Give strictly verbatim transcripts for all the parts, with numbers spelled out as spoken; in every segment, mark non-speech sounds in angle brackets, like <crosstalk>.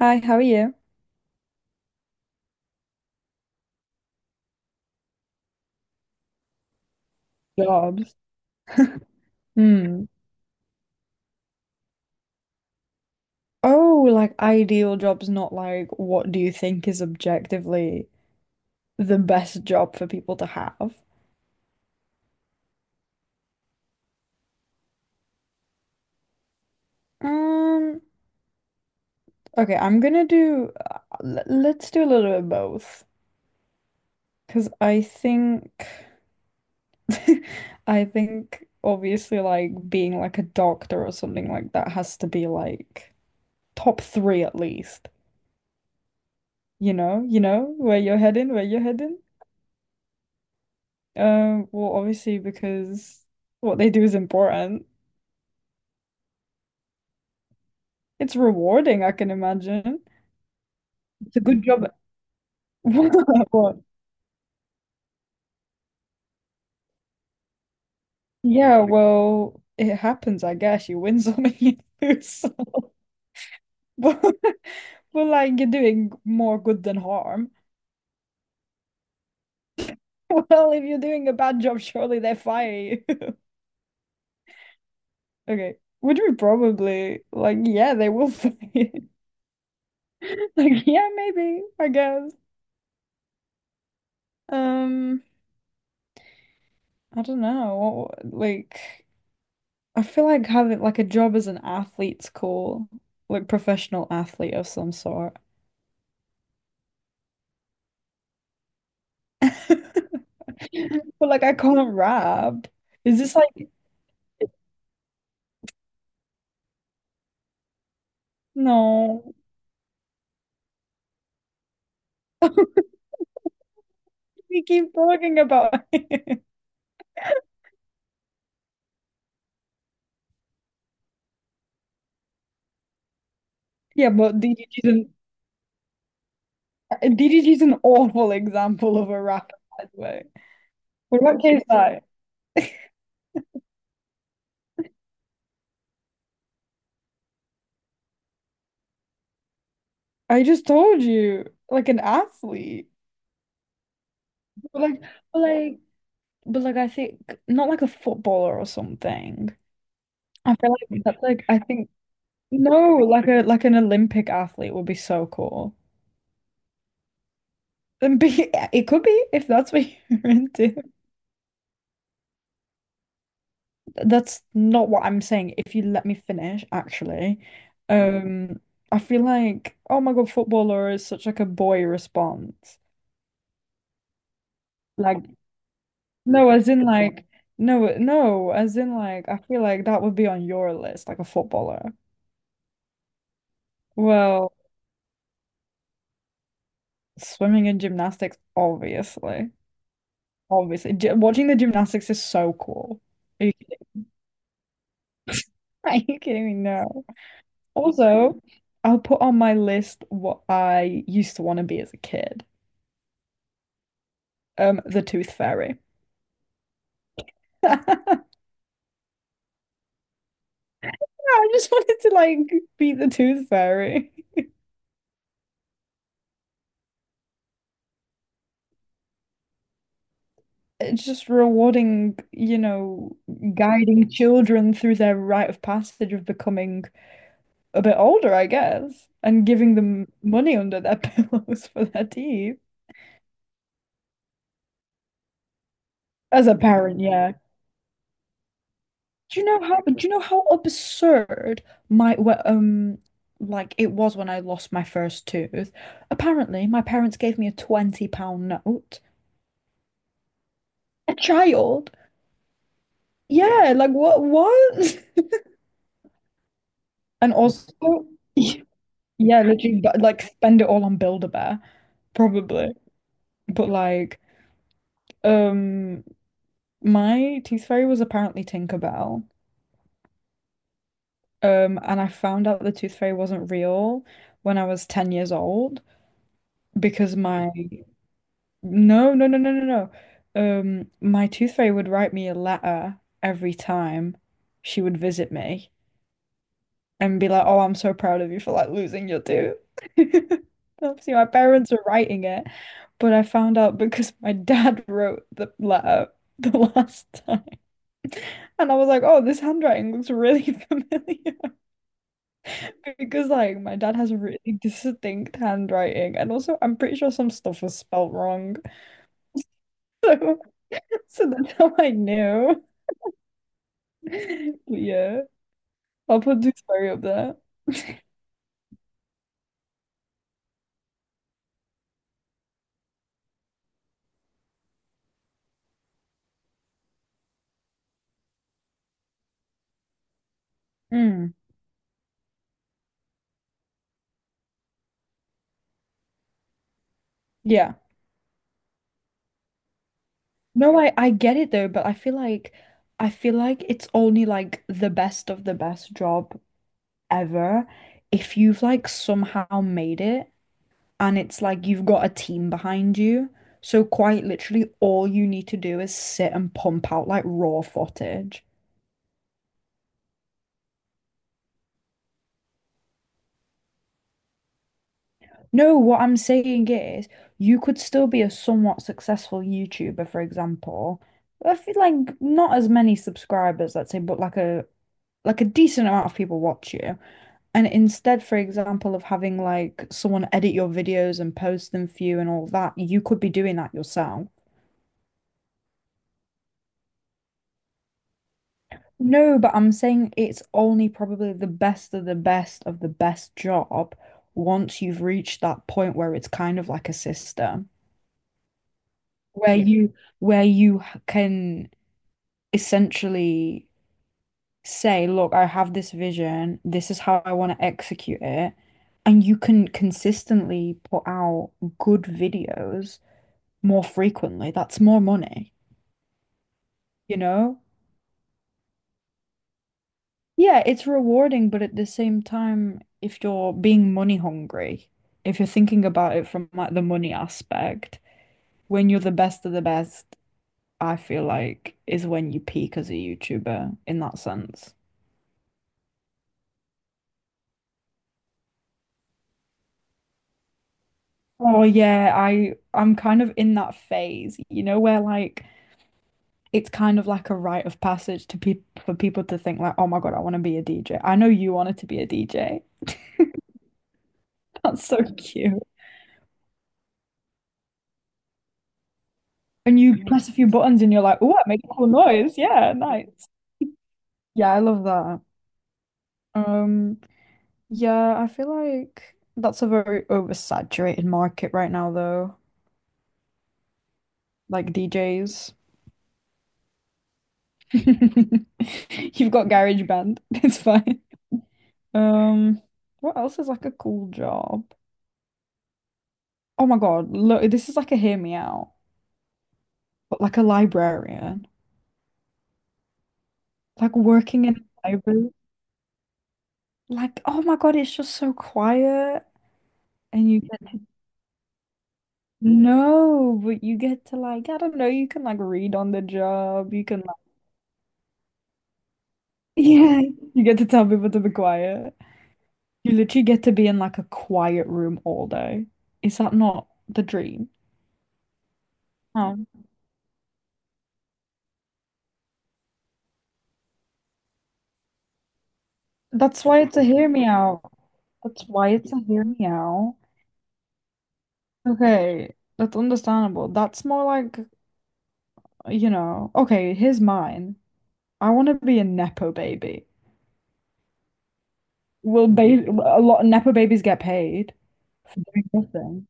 Hi, how are you? Jobs. Hmm. Oh, like ideal jobs, not like what do you think is objectively the best job for people to have? Um, okay, I'm gonna do, uh, l- let's do a little bit of both. Because I think, <laughs> I think obviously like being like a doctor or something like that has to be like top three at least. You know, you know, where you're heading, where you're heading. Um, well, obviously because what they do is important. It's rewarding, I can imagine. It's a good job. <laughs> What? Yeah, well, it happens, I guess. You win <laughs> some and you lose some. <laughs> But, but like you're doing more good than harm. <laughs> Well, if you're doing a bad job, surely they fire you. <laughs> Okay. Would we probably like, yeah, they will fire you. <laughs> Like, yeah, maybe, I guess. Um, I don't know. What, like I feel like having like a job as an athlete's cool, like professional athlete of some sort. <laughs> But like I can't rap. Is this like, no? We keep talking about it. <laughs> Yeah, but D D G's an D D G's an awful example of a rapper, by the way. What about K S I? I just told you, like an athlete. But like, but like, but like I think not like a footballer or something. I feel like that's like, I think. No, like a like an Olympic athlete would be so cool. And be, <laughs> it could be if that's what you're into. That's not what I'm saying. If you let me finish, actually, um, I feel like, oh my God, footballer is such like a boy response. Like, no, as in, like, no, no, as in like, I feel like that would be on your list, like a footballer. Well, swimming and gymnastics, obviously, obviously. Gy- watching the gymnastics is so cool. <laughs> Are you kidding me? No. Also, I'll put on my list what I used to want to be as a kid. Um, the Tooth Fairy. <laughs> I just wanted to like be the Tooth Fairy. It's just rewarding, you know, guiding children through their rite of passage of becoming a bit older, I guess, and giving them money under their <laughs> pillows for their teeth. As a parent, yeah. Do you know how do you know how absurd my wh- um like it was when I lost my first tooth? Apparently, my parents gave me a twenty pound note. A child? Yeah, like, what what? <laughs> And also, yeah, literally, but like spend it all on Build-A-Bear, probably. But like, um my tooth fairy was apparently Tinkerbell. Um and I found out the tooth fairy wasn't real when I was ten years old, because my— No, no, no, no, no, no. Um, my tooth fairy would write me a letter every time she would visit me and be like, "Oh, I'm so proud of you for like losing your tooth." <laughs> Obviously, my parents were writing it, but I found out because my dad <laughs> wrote the letter the last time, and I was like, "Oh, this handwriting looks really <laughs> familiar," because like my dad has a really distinct handwriting, and also I'm pretty sure some stuff was spelt wrong, <laughs> so so that's how I knew. <laughs> Yeah. I'll put Dewsbury up there. Mm, yeah. No, I I get it though, but I feel like I feel like it's only like the best of the best job ever if you've like somehow made it and it's like you've got a team behind you. So quite literally all you need to do is sit and pump out like raw footage. No, what I'm saying is, you could still be a somewhat successful YouTuber, for example. I feel like not as many subscribers, let's say, but like a like a decent amount of people watch you. And instead, for example, of having like someone edit your videos and post them for you and all that, you could be doing that yourself. No, but I'm saying it's only probably the best of the best of the best job once you've reached that point where it's kind of like a system. Where Yeah. you where you h- can essentially say, look, I have this vision, this is how I want to execute it. And you can consistently put out good videos more frequently. That's more money, you know? Yeah, it's rewarding, but at the same time, if you're being money hungry, if you're thinking about it from like the money aspect, when you're the best of the best, I feel like, is when you peak as a YouTuber in that sense. Oh yeah, I I'm kind of in that phase, you know, where like it's kind of like a rite of passage to people, for people to think like, oh my God, I want to be a D J. I know you wanted to be a D J. <laughs> That's so cute. And you press a few buttons and you're like, oh, I make a cool noise. Yeah, nice. Yeah, I love that. Um, yeah, I feel like that's a very oversaturated market right now though, like D Js. <laughs> You've got GarageBand. <laughs> It's fine. Um, what else is like a cool job? Oh my God, look, this is like a hear me out, but like a librarian, like working in a library. Like, oh my God, it's just so quiet and you get to— no, but you get to like, I don't know, you can like read on the job, you can like, <laughs> yeah, you get to tell people to be quiet. You literally get to be in like a quiet room all day. Is that not the dream? Um, that's why it's a hear me out. That's why it's a hear me out. Okay, that's understandable. That's more like, you know, okay, here's mine. I want to be a Nepo baby. Will ba a lot of Nepo babies get paid for doing nothing?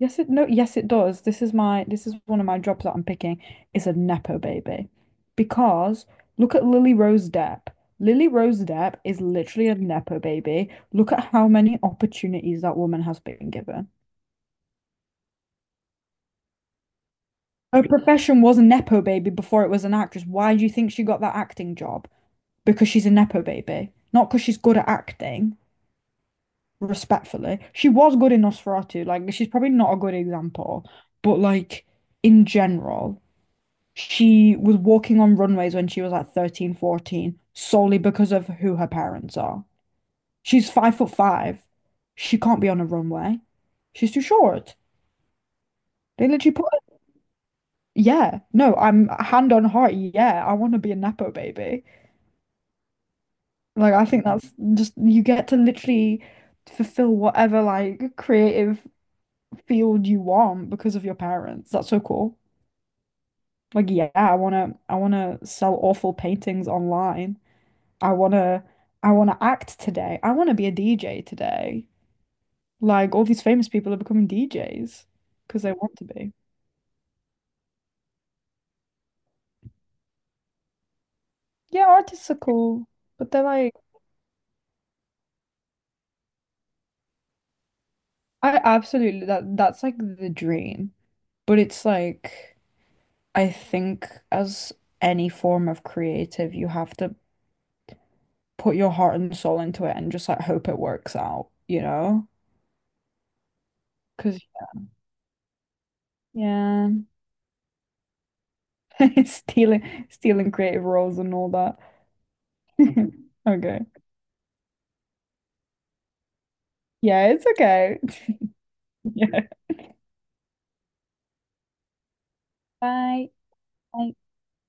Yes, it, no, yes, it does. This is my this is one of my jobs that I'm picking is a Nepo baby. Because look at Lily Rose Depp. Lily Rose Depp is literally a Nepo baby. Look at how many opportunities that woman has been given. Her profession was a nepo baby before it was an actress. Why do you think she got that acting job? Because she's a nepo baby, not because she's good at acting. Respectfully, she was good in Nosferatu. Like, she's probably not a good example, but like, in general, she was walking on runways when she was like thirteen, fourteen, solely because of who her parents are. She's five foot five. She can't be on a runway. She's too short. They literally put her— Yeah, no, I'm hand on heart. Yeah, I want to be a Nepo baby. Like, I think that's just you get to literally fulfill whatever like creative field you want because of your parents. That's so cool. Like, yeah, I wanna I wanna sell awful paintings online. I wanna I wanna act today. I wanna be a D J today. Like, all these famous people are becoming D Js because they want to be. Yeah, artists are cool, but they're like, I absolutely, that that's like the dream. But it's like, I think, as any form of creative, you have to put your heart and soul into it and just like hope it works out, you know? Because yeah, <laughs> stealing stealing creative roles and all that. <laughs> Okay. Yeah, it's okay. <laughs> Yeah. Bye. Bye.